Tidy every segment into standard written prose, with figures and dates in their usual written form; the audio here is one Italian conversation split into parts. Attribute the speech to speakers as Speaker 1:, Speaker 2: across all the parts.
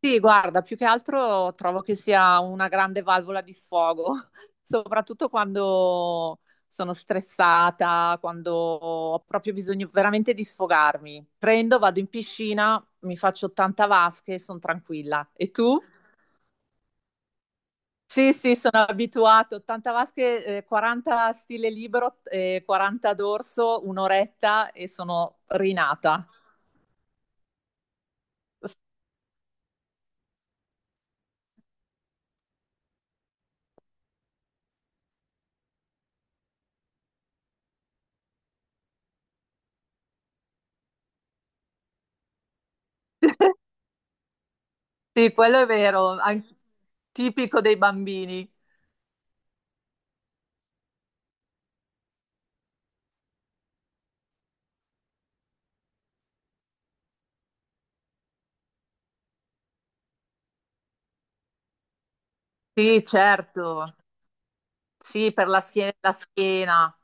Speaker 1: Sì, guarda, più che altro trovo che sia una grande valvola di sfogo, soprattutto quando sono stressata, quando ho proprio bisogno veramente di sfogarmi. Prendo, vado in piscina, mi faccio 80 vasche e sono tranquilla. E tu? Sì, sì, sono abituato. 80 vasche, 40 stile libero, 40 dorso, un'oretta e sono rinata. Sì, quello è vero, tipico dei bambini. Sì, certo. Sì, per la schiena, la schiena.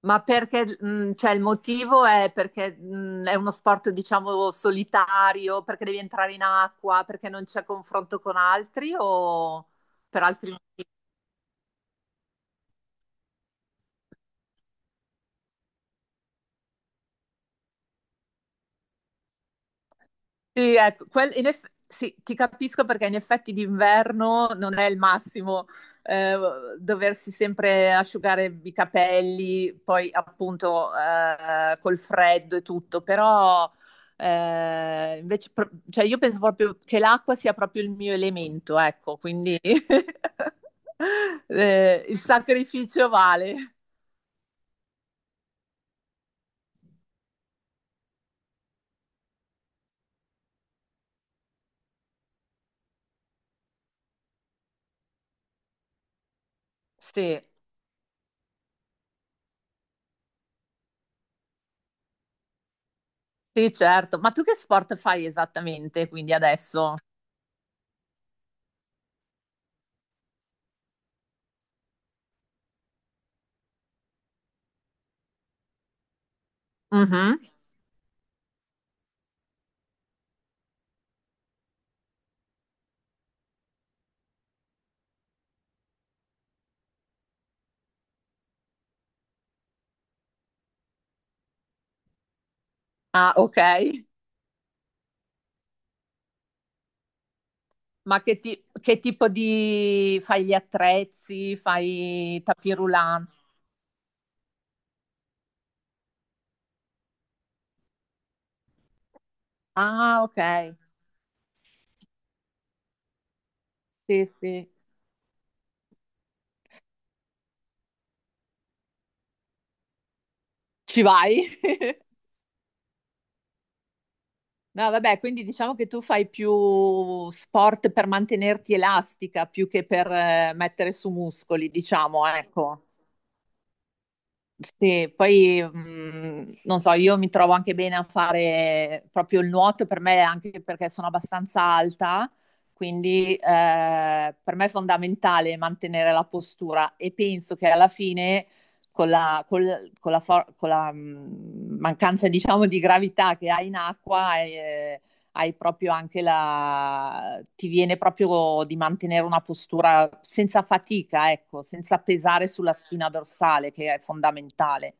Speaker 1: Ma perché, cioè il motivo è perché è uno sport, diciamo, solitario, perché devi entrare in acqua, perché non c'è confronto con altri o per altri motivi? Sì, ecco, in sì, ti capisco perché in effetti d'inverno non è il massimo eh, doversi sempre asciugare i capelli, poi appunto col freddo e tutto, però invece, cioè io penso proprio che l'acqua sia proprio il mio elemento, ecco, quindi il sacrificio vale. Sì, sì, certo. Ma tu che sport fai esattamente quindi adesso? Mhm. Ah, ok. Ma che tipo di... fai gli attrezzi, fai tapis roulant? Ah, ok. Sì, sì. Ci vai? No, vabbè, quindi diciamo che tu fai più sport per mantenerti elastica più che per mettere su muscoli, diciamo, ecco. Sì, poi non so, io mi trovo anche bene a fare proprio il nuoto per me, anche perché sono abbastanza alta, quindi per me è fondamentale mantenere la postura e penso che alla fine con con la con la, mancanza, diciamo, di gravità che hai in acqua hai proprio anche la... ti viene proprio di mantenere una postura senza fatica, ecco, senza pesare sulla spina dorsale, che è fondamentale.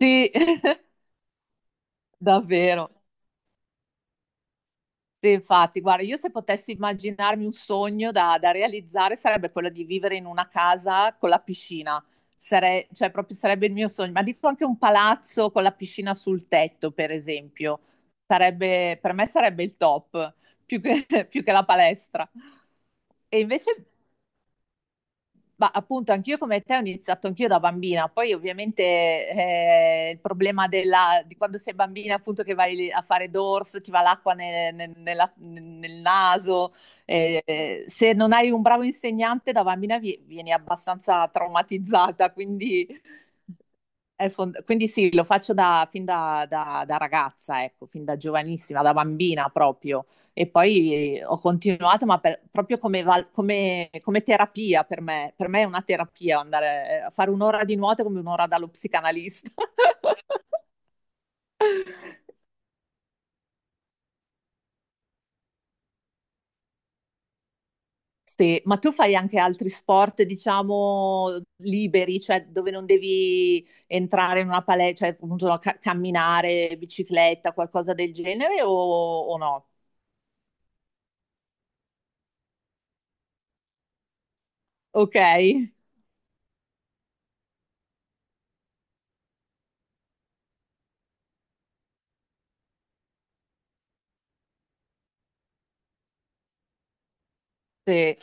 Speaker 1: Sì, davvero. Sì, infatti, guarda, io se potessi immaginarmi un sogno da realizzare sarebbe quello di vivere in una casa con la piscina. Cioè proprio sarebbe il mio sogno, ma dico anche un palazzo con la piscina sul tetto, per esempio, sarebbe, per me sarebbe il top, più che, più che la palestra. E invece ma appunto, anch'io come te ho iniziato anch'io da bambina, poi ovviamente il problema della, di quando sei bambina, appunto che vai lì a fare dorso, ti va l'acqua nel naso, se non hai un bravo insegnante da bambina vieni abbastanza traumatizzata, quindi è il quindi sì, lo fin da ragazza, ecco, fin da giovanissima, da bambina proprio. E poi ho continuato, ma proprio come, come terapia per me. Per me è una terapia andare a fare un'ora di nuoto è come un'ora dallo psicanalista. Sì, ma tu fai anche altri sport, diciamo, liberi, cioè dove non devi entrare in una palestra, cioè appunto no, camminare, bicicletta, qualcosa del genere o no? Ok. Sì.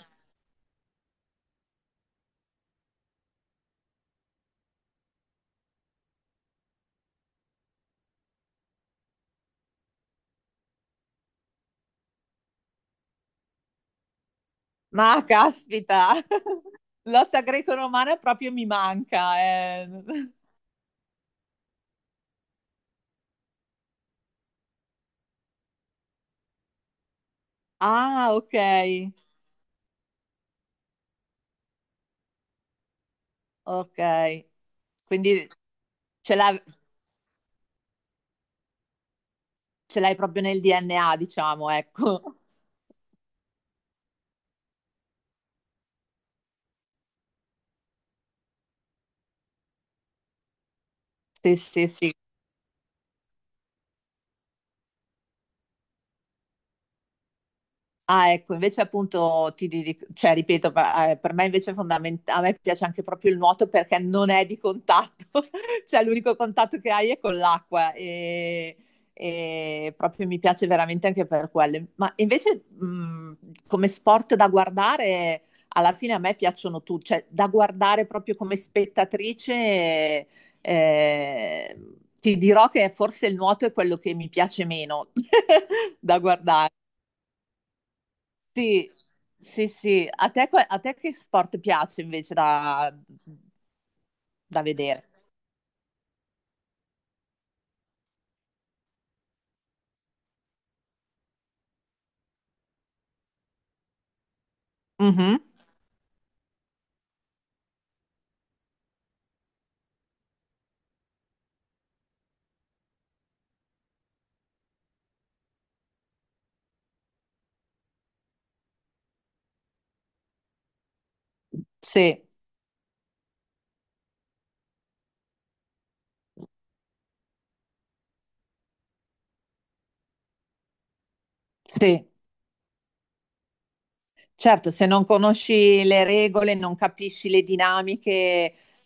Speaker 1: Ma caspita, lotta greco-romana proprio mi manca. Eh. Ah, ok, ok. Quindi ce l'ha- ce l'hai proprio nel DNA, diciamo, ecco. Sì, sì, sì. Ah, ecco, invece appunto ti cioè ripeto, per me invece è fondamentale, a me piace anche proprio il nuoto perché non è di contatto, cioè l'unico contatto che hai è con l'acqua e proprio mi piace veramente anche per quello. Ma invece come sport da guardare, alla fine a me piacciono tutti, cioè da guardare proprio come spettatrice, eh, ti dirò che forse il nuoto è quello che mi piace meno da guardare. Sì, sì, sì. A te, a te che sport piace invece da, da vedere? Mhm. Sì, sì. Certo, se non conosci le regole, non capisci le dinamiche,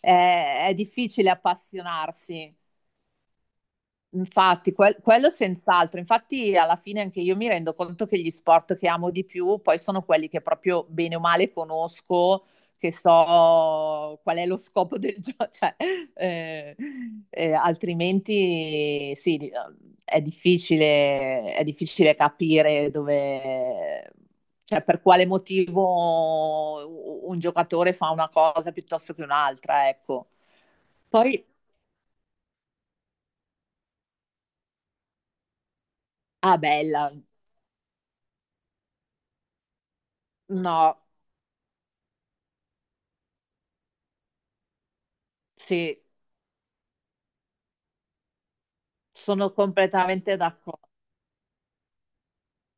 Speaker 1: è difficile appassionarsi. Infatti, quello senz'altro. Infatti, alla fine anche io mi rendo conto che gli sport che amo di più poi sono quelli che proprio bene o male conosco, che so qual è lo scopo del gioco, cioè, eh, altrimenti sì, è difficile capire dove, cioè per quale motivo un giocatore fa una cosa piuttosto che un'altra, ecco. Poi, ah, bella. No, sì, sono completamente d'accordo.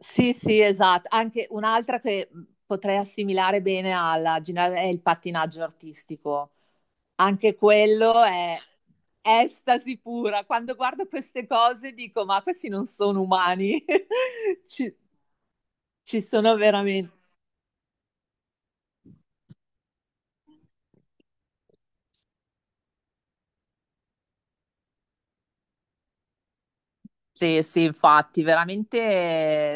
Speaker 1: Sì, sì, esatto. Anche un'altra che potrei assimilare bene alla generale è il pattinaggio artistico. Anche quello è estasi pura. Quando guardo queste cose dico, ma questi non sono umani. Ci, ci sono veramente. Sì, sì, infatti, veramente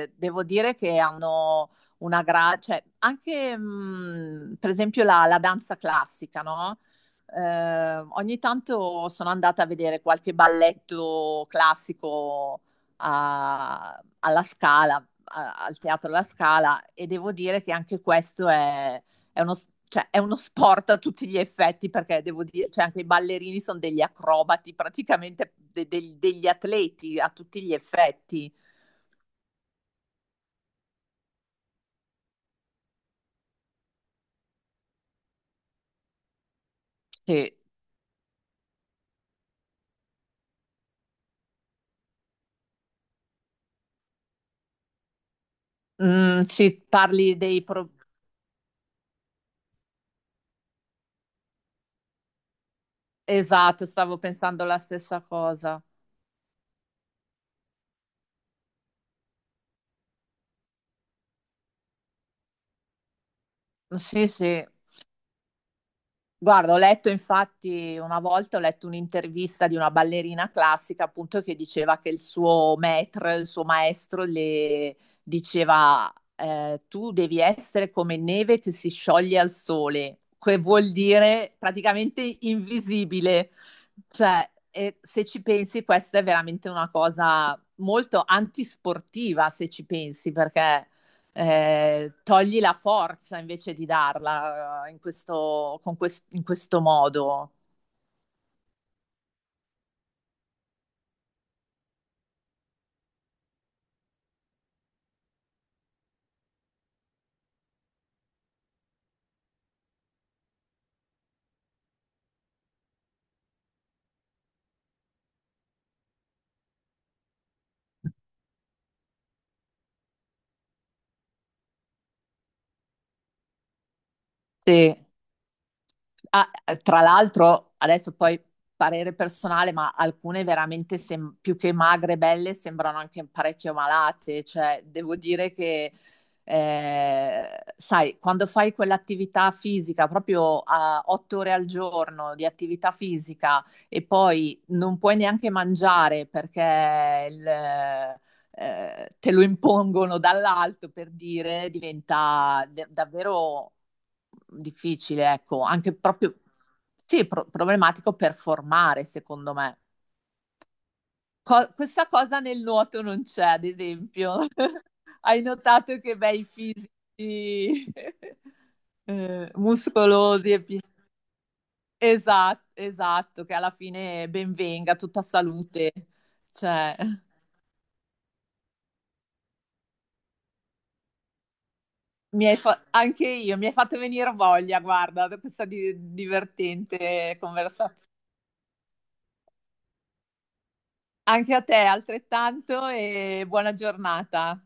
Speaker 1: devo dire che hanno una cioè anche per esempio la, la danza classica, no? Ogni tanto sono andata a vedere qualche balletto classico alla Scala, al Teatro La Scala e devo dire che anche questo è cioè, è uno sport a tutti gli effetti perché devo dire, cioè anche i ballerini sono degli acrobati, praticamente degli atleti a tutti gli effetti. Sì. Mm, ci parli dei pro- Esatto, stavo pensando la stessa cosa. Sì, sì. Guarda, ho letto infatti una volta, ho letto un'intervista di una ballerina classica appunto che diceva che il suo maître, il suo maestro le diceva tu devi essere come neve che si scioglie al sole, che vuol dire praticamente invisibile. Cioè, e se ci pensi, questa è veramente una cosa molto antisportiva, se ci pensi, perché togli la forza invece di darla in questo, con in questo modo. Sì. Ah, tra l'altro, adesso poi parere personale, ma alcune veramente più che magre e belle sembrano anche parecchio malate. Cioè, devo dire che, sai, quando fai quell'attività fisica, proprio a 8 ore al giorno di attività fisica e poi non puoi neanche mangiare perché il, te lo impongono dall'alto per dire, diventa davvero difficile, ecco, anche proprio, sì, problematico per formare, secondo me. Questa cosa nel nuoto non c'è, ad esempio. Hai notato che bei fisici muscolosi e esatto, esatto, che alla fine ben venga, tutta salute. Cioè, mi hai anche io, mi hai fatto venire voglia, guarda, da questa divertente conversazione. Anche a te, altrettanto, e buona giornata.